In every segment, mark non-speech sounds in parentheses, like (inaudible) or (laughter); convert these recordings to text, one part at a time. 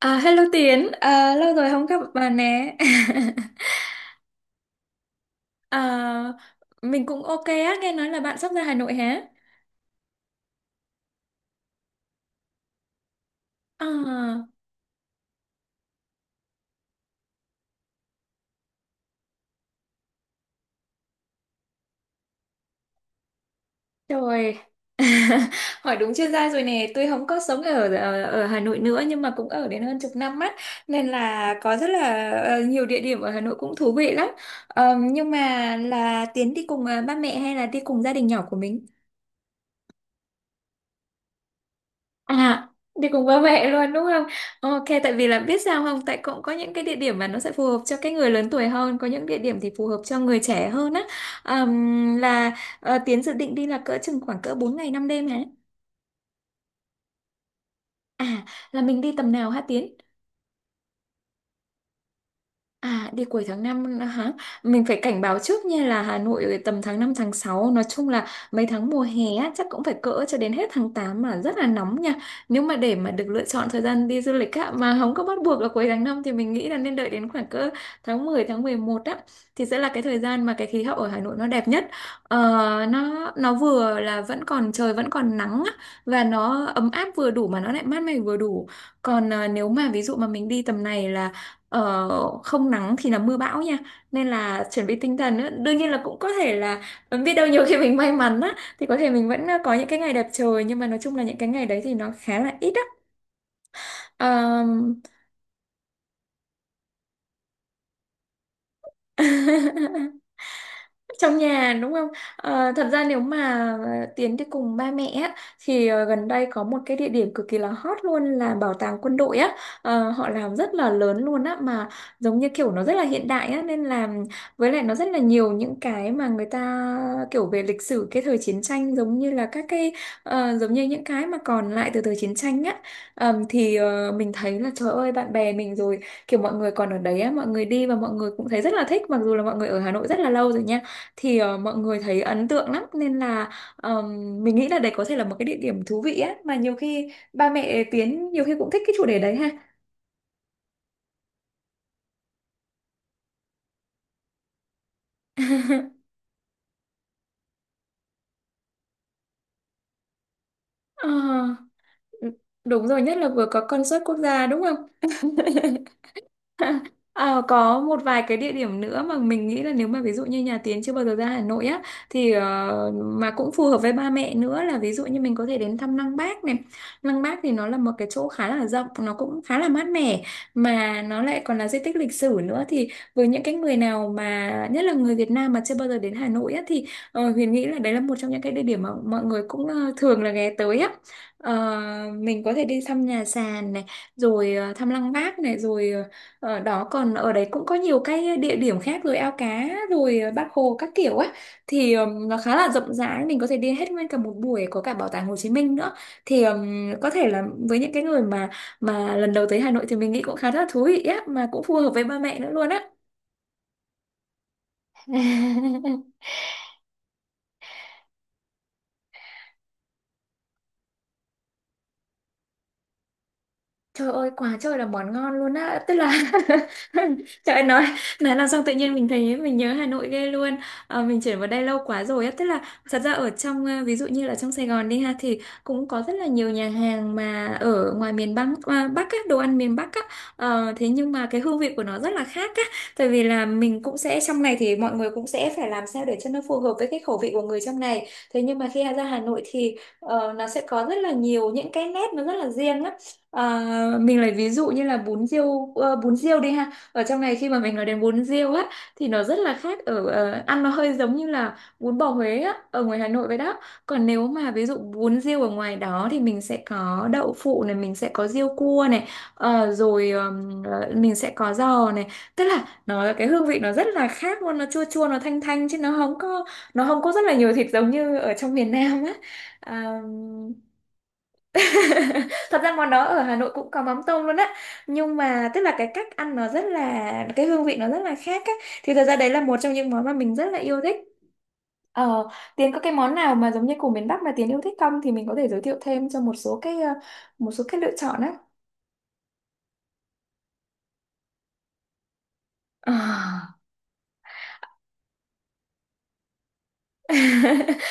À, hello Tiến, à, lâu rồi không gặp bà nè. (laughs) À, mình cũng ok á, nghe nói là bạn sắp ra Hà Nội hả? À, trời, (laughs) hỏi đúng chuyên gia rồi nè. Tôi không có sống ở, ở ở Hà Nội nữa nhưng mà cũng ở đến hơn chục năm á, nên là có rất là ờ, nhiều địa điểm ở Hà Nội cũng thú vị lắm. Ờ, nhưng mà là Tiến đi cùng ờ, ba mẹ hay là đi cùng gia đình nhỏ của mình? À, đi cùng ba mẹ luôn đúng không? Ok, tại vì là biết sao không? Tại cũng có những cái địa điểm mà nó sẽ phù hợp cho cái người lớn tuổi hơn, có những địa điểm thì phù hợp cho người trẻ hơn á. Là ờ, Tiến dự định đi là cỡ chừng khoảng cỡ 4 ngày 5 đêm hả? À, là mình đi tầm nào hả Tiến? À, đi cuối tháng 5 nữa hả? Mình phải cảnh báo trước nha là Hà Nội tầm tháng 5 tháng sáu. Nói chung là mấy tháng mùa hè á, chắc cũng phải cỡ cho đến hết tháng 8 mà rất là nóng nha. Nếu mà để mà được lựa chọn thời gian đi du lịch á, mà không có bắt buộc là cuối tháng 5 thì mình nghĩ là nên đợi đến khoảng cỡ tháng 11 á. Thì sẽ là cái thời gian mà cái khí hậu ở Hà Nội nó đẹp nhất. Ờ, nó vừa là vẫn còn trời vẫn còn nắng á, và nó ấm áp vừa đủ mà nó lại mát mẻ vừa đủ. Còn à, nếu mà ví dụ mà mình đi tầm này là ờ, không nắng thì là mưa bão nha, nên là chuẩn bị tinh thần á. Đương nhiên là cũng có thể là ừ, biết đâu nhiều khi mình may mắn á thì có thể mình vẫn ờ, có những cái ngày đẹp trời, nhưng mà nói chung là những cái ngày đấy thì nó khá là ít á. (laughs) Trong nhà đúng không? Ờ, thật ra nếu mà ờ, Tiến đi cùng ba mẹ á, thì ờ, gần đây có một cái địa điểm cực kỳ là hot luôn là bảo tàng quân đội á. Ờ, họ làm rất là lớn luôn á, mà giống như kiểu nó rất là hiện đại á, nên là với lại nó rất là nhiều những cái mà người ta kiểu về lịch sử cái thời chiến tranh, giống như là các cái ờ, giống như những cái mà còn lại từ thời chiến tranh á. Thì ờ, mình thấy là trời ơi bạn bè mình rồi, kiểu mọi người còn ở đấy á, mọi người đi và mọi người cũng thấy rất là thích, mặc dù là mọi người ở Hà Nội rất là lâu rồi nha, thì ờ, mọi người thấy ấn tượng lắm, nên là mình nghĩ là đấy có thể là một cái địa điểm thú vị á, mà nhiều khi ba mẹ Tiến nhiều khi cũng thích cái chủ đề đấy ha. (laughs) Ờ, ừ, đúng rồi, nhất là vừa có concert quốc gia đúng không? (laughs) (laughs) Ờ, có một vài cái địa điểm nữa mà mình nghĩ là nếu mà ví dụ như nhà Tiến chưa bao giờ ra Hà Nội á, thì ờ, mà cũng phù hợp với ba mẹ nữa là ví dụ như mình có thể đến thăm Lăng Bác này. Lăng Bác thì nó là một cái chỗ khá là rộng, nó cũng khá là mát mẻ mà nó lại còn là di tích lịch sử nữa, thì với những cái người nào mà nhất là người Việt Nam mà chưa bao giờ đến Hà Nội á thì ờ, Huyền nghĩ là đấy là một trong những cái địa điểm mà mọi người cũng ờ, thường là ghé tới á. Ờ, mình có thể đi thăm nhà sàn này, rồi ờ, thăm Lăng Bác này, rồi ờ, ở đó còn ở đấy cũng có nhiều cái địa điểm khác, rồi ao cá, rồi ờ, Bác Hồ các kiểu ấy, thì nó khá là rộng rãi, mình có thể đi hết nguyên cả một buổi, có cả bảo tàng Hồ Chí Minh nữa, thì có thể là với những cái người mà lần đầu tới Hà Nội thì mình nghĩ cũng khá là thú vị á, mà cũng phù hợp với ba mẹ nữa luôn á. (laughs) Trời ơi quá trời là món ngon luôn á. Tức là (laughs) trời ơi Nói làm xong tự nhiên mình thấy mình nhớ Hà Nội ghê luôn. Ờ, mình chuyển vào đây lâu quá rồi á. Tức là thật ra ở trong ờ, ví dụ như là trong Sài Gòn đi ha, thì cũng có rất là nhiều nhà hàng mà ở ngoài miền Bắc, à, Bắc á, đồ ăn miền Bắc á. Ờ, thế nhưng mà cái hương vị của nó rất là khác á. Tại vì là mình cũng sẽ trong này, thì mọi người cũng sẽ phải làm sao để cho nó phù hợp với cái khẩu vị của người trong này. Thế nhưng mà khi ra Hà Nội thì ờ, nó sẽ có rất là nhiều những cái nét, nó rất là riêng á. Ờ, mình lấy ví dụ như là bún riêu ờ, bún riêu đi ha, ở trong này khi mà mình nói đến bún riêu á thì nó rất là khác, ở ờ, ăn nó hơi giống như là bún bò Huế á, ở ngoài Hà Nội vậy đó. Còn nếu mà ví dụ bún riêu ở ngoài đó thì mình sẽ có đậu phụ này, mình sẽ có riêu cua này, ờ, rồi ờ, mình sẽ có giò này, tức là nó cái hương vị nó rất là khác luôn, nó chua chua nó thanh thanh, chứ nó không có rất là nhiều thịt giống như ở trong miền Nam á. Ờ, thật ra món đó ở Hà Nội cũng có mắm tôm luôn á. Nhưng mà tức là cái cách ăn nó rất là, cái hương vị nó rất là khác á. Thì thật ra đấy là một trong những món mà mình rất là yêu thích. Ờ, Tiến có cái món nào mà giống như của miền Bắc mà Tiến yêu thích không? Thì mình có thể giới thiệu thêm cho một số cái ờ, một số cái lựa chọn á. À. (laughs)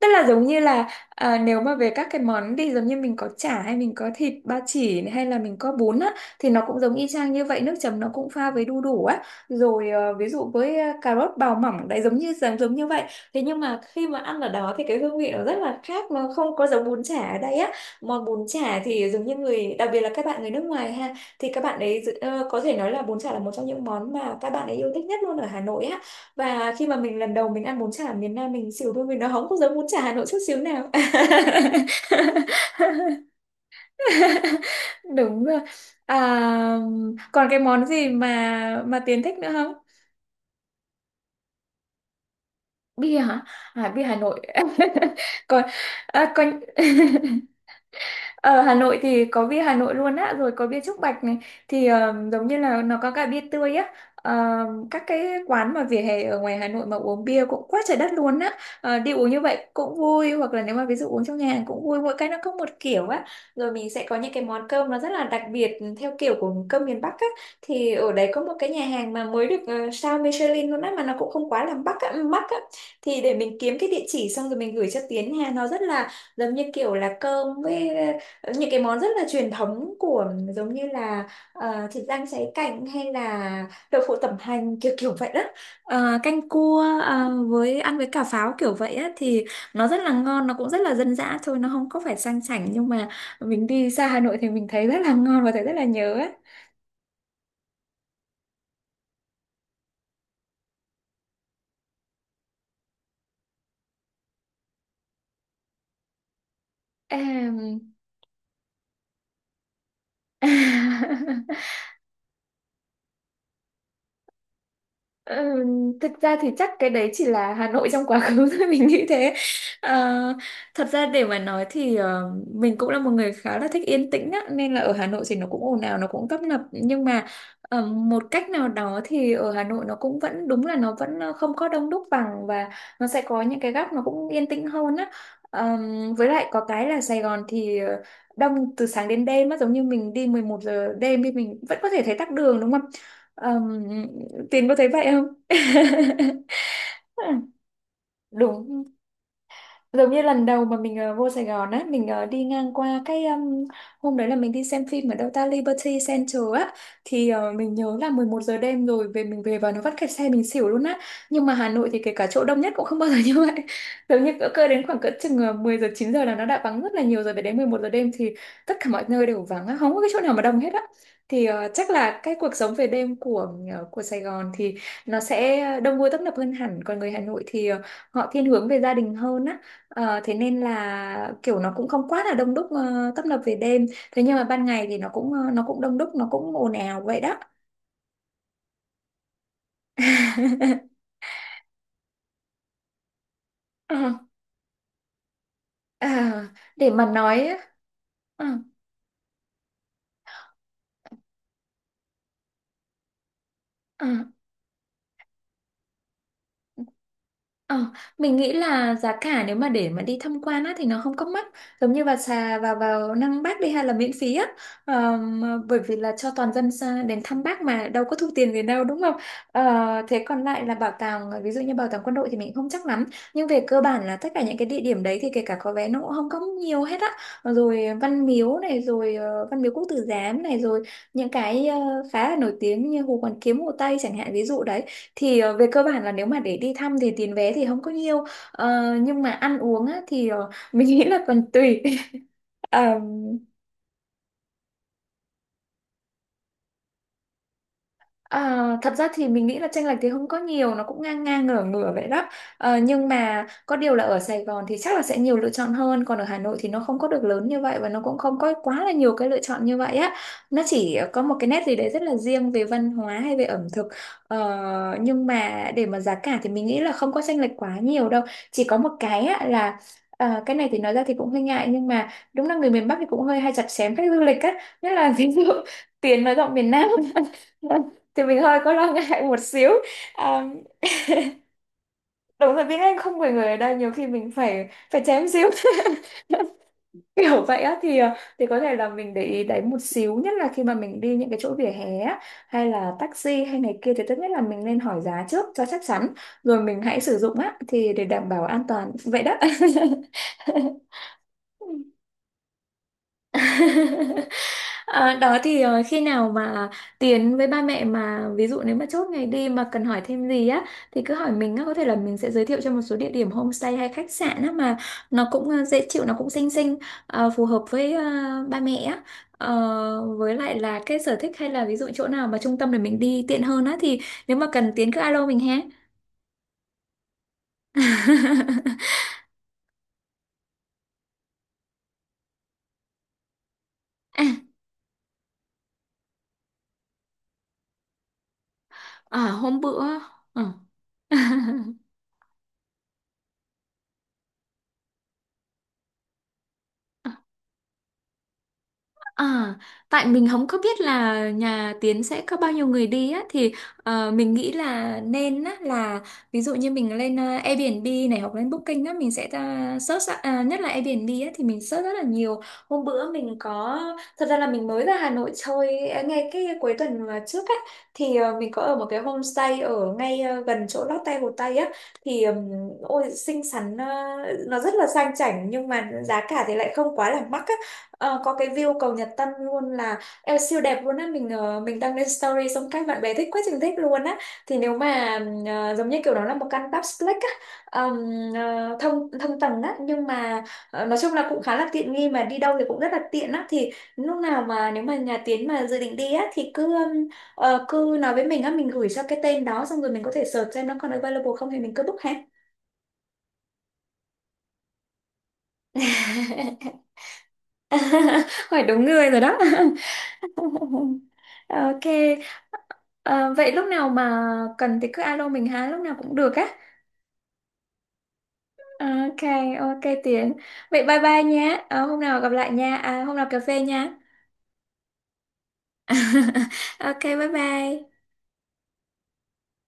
Tức là giống như là, à, nếu mà về các cái món thì giống như mình có chả hay mình có thịt ba chỉ hay là mình có bún á, thì nó cũng giống y chang như vậy, nước chấm nó cũng pha với đu đủ á, rồi ờ, ví dụ với ờ, cà rốt bào mỏng đấy, giống như giống giống như vậy. Thế nhưng mà khi mà ăn ở đó thì cái hương vị nó rất là khác, nó không có giống bún chả ở đây á. Món bún chả thì giống như người, đặc biệt là các bạn người nước ngoài ha, thì các bạn ấy có thể nói là bún chả là một trong những món mà các bạn ấy yêu thích nhất luôn ở Hà Nội á. Và khi mà mình lần đầu mình ăn bún chả ở miền Nam, mình xỉu thôi, mình nó không có giống bún chả Hà Nội chút xíu nào. (laughs) Đúng rồi. À, còn cái món gì mà Tiến thích nữa không? Bia hả? À, bia Hà Nội. (laughs) Còn còn (laughs) ở Hà Nội thì có bia Hà Nội luôn á, rồi có bia Trúc Bạch này, thì giống như là nó có cả bia tươi á. Ờ, các cái quán mà vỉa hè ở ngoài Hà Nội mà uống bia cũng quá trời đất luôn á. Ờ, đi uống như vậy cũng vui, hoặc là nếu mà ví dụ uống trong nhà hàng cũng vui, mỗi cái nó có một kiểu á. Rồi mình sẽ có những cái món cơm nó rất là đặc biệt, theo kiểu của cơm miền Bắc á. Thì ở đấy có một cái nhà hàng mà mới được sao Michelin luôn á, mà nó cũng không quá là mắc á. Thì để mình kiếm cái địa chỉ xong rồi mình gửi cho Tiến nha, nó rất là giống như kiểu là cơm với những cái món rất là truyền thống, của giống như là thịt rang cháy cạnh, hay là đậu phụ tẩm hành kiểu kiểu vậy đó. Canh cua với ăn với cà pháo kiểu vậy á, thì nó rất là ngon, nó cũng rất là dân dã thôi, nó không có phải sang chảnh, nhưng mà mình đi xa Hà Nội thì mình thấy rất là ngon và thấy rất là nhớ á. Em- (laughs) Ờ, Thực ra thì chắc cái đấy chỉ là Hà Nội trong quá khứ thôi, (laughs) mình nghĩ thế. Ờ, Thật ra để mà nói thì, mình cũng là một người khá là thích yên tĩnh á, nên là ở Hà Nội thì nó cũng ồn ào, nó cũng tấp nập, nhưng mà một cách nào đó thì ở Hà Nội nó cũng vẫn, đúng là nó vẫn không có đông đúc bằng, và nó sẽ có những cái góc nó cũng yên tĩnh hơn á. Ờ, với lại có cái là Sài Gòn thì đông từ sáng đến đêm á, giống như mình đi 11 giờ đêm thì mình vẫn có thể thấy tắc đường, đúng không? Ờm, Tiến có thấy vậy không? (laughs) Đúng. Giống như lần đầu mà mình vô Sài Gòn á, mình đi ngang qua cái hôm đấy là mình đi xem phim ở đâu ta, Liberty Center á, thì mình nhớ là 11 giờ đêm rồi, về mình về và nó vắt kẹt xe mình xỉu luôn á. Nhưng mà Hà Nội thì kể cả chỗ đông nhất cũng không bao giờ (laughs) như vậy. Giống như cỡ cơ đến khoảng cỡ chừng 10 giờ 9 giờ là nó đã vắng rất là nhiều rồi, về đến 11 giờ đêm thì tất cả mọi nơi đều vắng á, không có cái chỗ nào mà đông hết á. Thì chắc là cái cuộc sống về đêm của Sài Gòn thì nó sẽ đông vui tấp nập hơn hẳn, còn người Hà Nội thì họ thiên hướng về gia đình hơn á. Ờ, thế nên là kiểu nó cũng không quá là đông đúc, tấp nập về đêm, thế nhưng mà ban ngày thì nó cũng nó cũng đông đúc, nó cũng ồn ào vậy đó. (laughs) Ờ, ờ, để mà nói á, ờ, ờ. Ờ, Mình nghĩ là giá cả nếu mà để mà đi tham quan á thì nó không có mắc, giống như vào xà vào vào Năng Bác đi hay là miễn phí á. Ờ, mà bởi vì là cho toàn dân đến thăm Bác mà đâu có thu tiền gì đâu, đúng không? Ờ, thế còn lại là bảo tàng, ví dụ như bảo tàng quân đội thì mình không chắc lắm, nhưng về cơ bản là tất cả những cái địa điểm đấy thì kể cả có vé nó cũng không có nhiều hết á. Rồi Văn Miếu này, rồi Văn Miếu Quốc Tử Giám này, rồi những cái khá là nổi tiếng như Hồ Hoàn Kiếm, Hồ Tây chẳng hạn, ví dụ đấy, thì về cơ bản là nếu mà để đi thăm thì tiền vé thì không có nhiều. Ờ, nhưng mà ăn uống á, thì mình nghĩ là còn tùy. (laughs) À, thật ra thì mình nghĩ là chênh lệch thì không có nhiều, nó cũng ngang ngang ngửa ngửa vậy đó. Ờ, nhưng mà có điều là ở Sài Gòn thì chắc là sẽ nhiều lựa chọn hơn, còn ở Hà Nội thì nó không có được lớn như vậy, và nó cũng không có quá là nhiều cái lựa chọn như vậy á. Nó chỉ có một cái nét gì đấy rất là riêng về văn hóa hay về ẩm thực. Ờ, nhưng mà để mà giá cả thì mình nghĩ là không có chênh lệch quá nhiều đâu. Chỉ có một cái á, là cái này thì nói ra thì cũng hơi ngại, nhưng mà đúng là người miền Bắc thì cũng hơi hay chặt chém khách du lịch á, nhất là ví dụ (laughs) tiền nói rộng miền Nam, (laughs) thì mình hơi có lo (laughs) ngại một xíu. À, đúng là tiếng Anh không phải người ở đây, nhiều khi mình phải phải chém xíu (laughs) kiểu vậy á, thì thì có thể là mình để ý đấy một xíu, nhất là khi mà mình đi những cái chỗ vỉa hè á, hay là taxi hay này kia, thì tốt nhất là mình nên hỏi giá trước cho chắc chắn rồi mình hãy sử dụng á, thì để đảm bảo an toàn vậy đó. (laughs) (laughs) Ờ, đó thì khi nào mà Tiến với ba mẹ, mà ví dụ nếu mà chốt ngày đi mà cần hỏi thêm gì á, thì cứ hỏi mình á, có thể là mình sẽ giới thiệu cho một số địa điểm homestay hay khách sạn á, mà nó cũng dễ chịu, nó cũng xinh xinh, phù hợp với ba mẹ á. Ờ, với lại là cái sở thích, hay là ví dụ chỗ nào mà trung tâm để mình đi tiện hơn á, thì nếu mà cần Tiến cứ alo mình ha. (laughs) à, à, hôm bữa ờ. (laughs) À, tại mình không có biết là nhà Tiến sẽ có bao nhiêu người đi á, thì mình nghĩ là nên á là ví dụ như mình lên Airbnb này, hoặc lên Booking á, mình sẽ ra search á, à, nhất là Airbnb á thì mình search rất là nhiều. Hôm bữa mình có, thật ra là mình mới ra Hà Nội chơi à, ngay cái cuối tuần mà trước á, thì mình có ở một cái homestay ở ngay gần chỗ Lotte Hồ Tây á, thì ôi xinh xắn, nó rất là sang chảnh nhưng mà giá cả thì lại không quá là mắc á. Ờ, có cái view cầu Nhật Tân luôn là eo siêu đẹp luôn á, mình mình đăng lên story xong các bạn bè thích quá trình thích luôn á. Thì nếu mà giống như kiểu đó là một căn duplex á, ờm, thông thông tầng á, nhưng mà nói chung là cũng khá là tiện nghi, mà đi đâu thì cũng rất là tiện á, thì lúc nào mà nếu mà nhà Tiến mà dự định đi á, thì cứ cứ nói với mình á, mình gửi cho cái tên đó xong rồi mình có thể search xem nó còn available không, thì mình cứ book ha. (laughs) (laughs) Hỏi đúng người rồi đó. (laughs) Ok. Ờ, vậy lúc nào mà cần thì cứ alo mình ha, lúc nào cũng được á. Ok, ok Tiến, vậy bye bye nhé. Ờ, hôm nào gặp lại nha, à, hôm nào cà phê nha. (laughs) Ok, bye bye.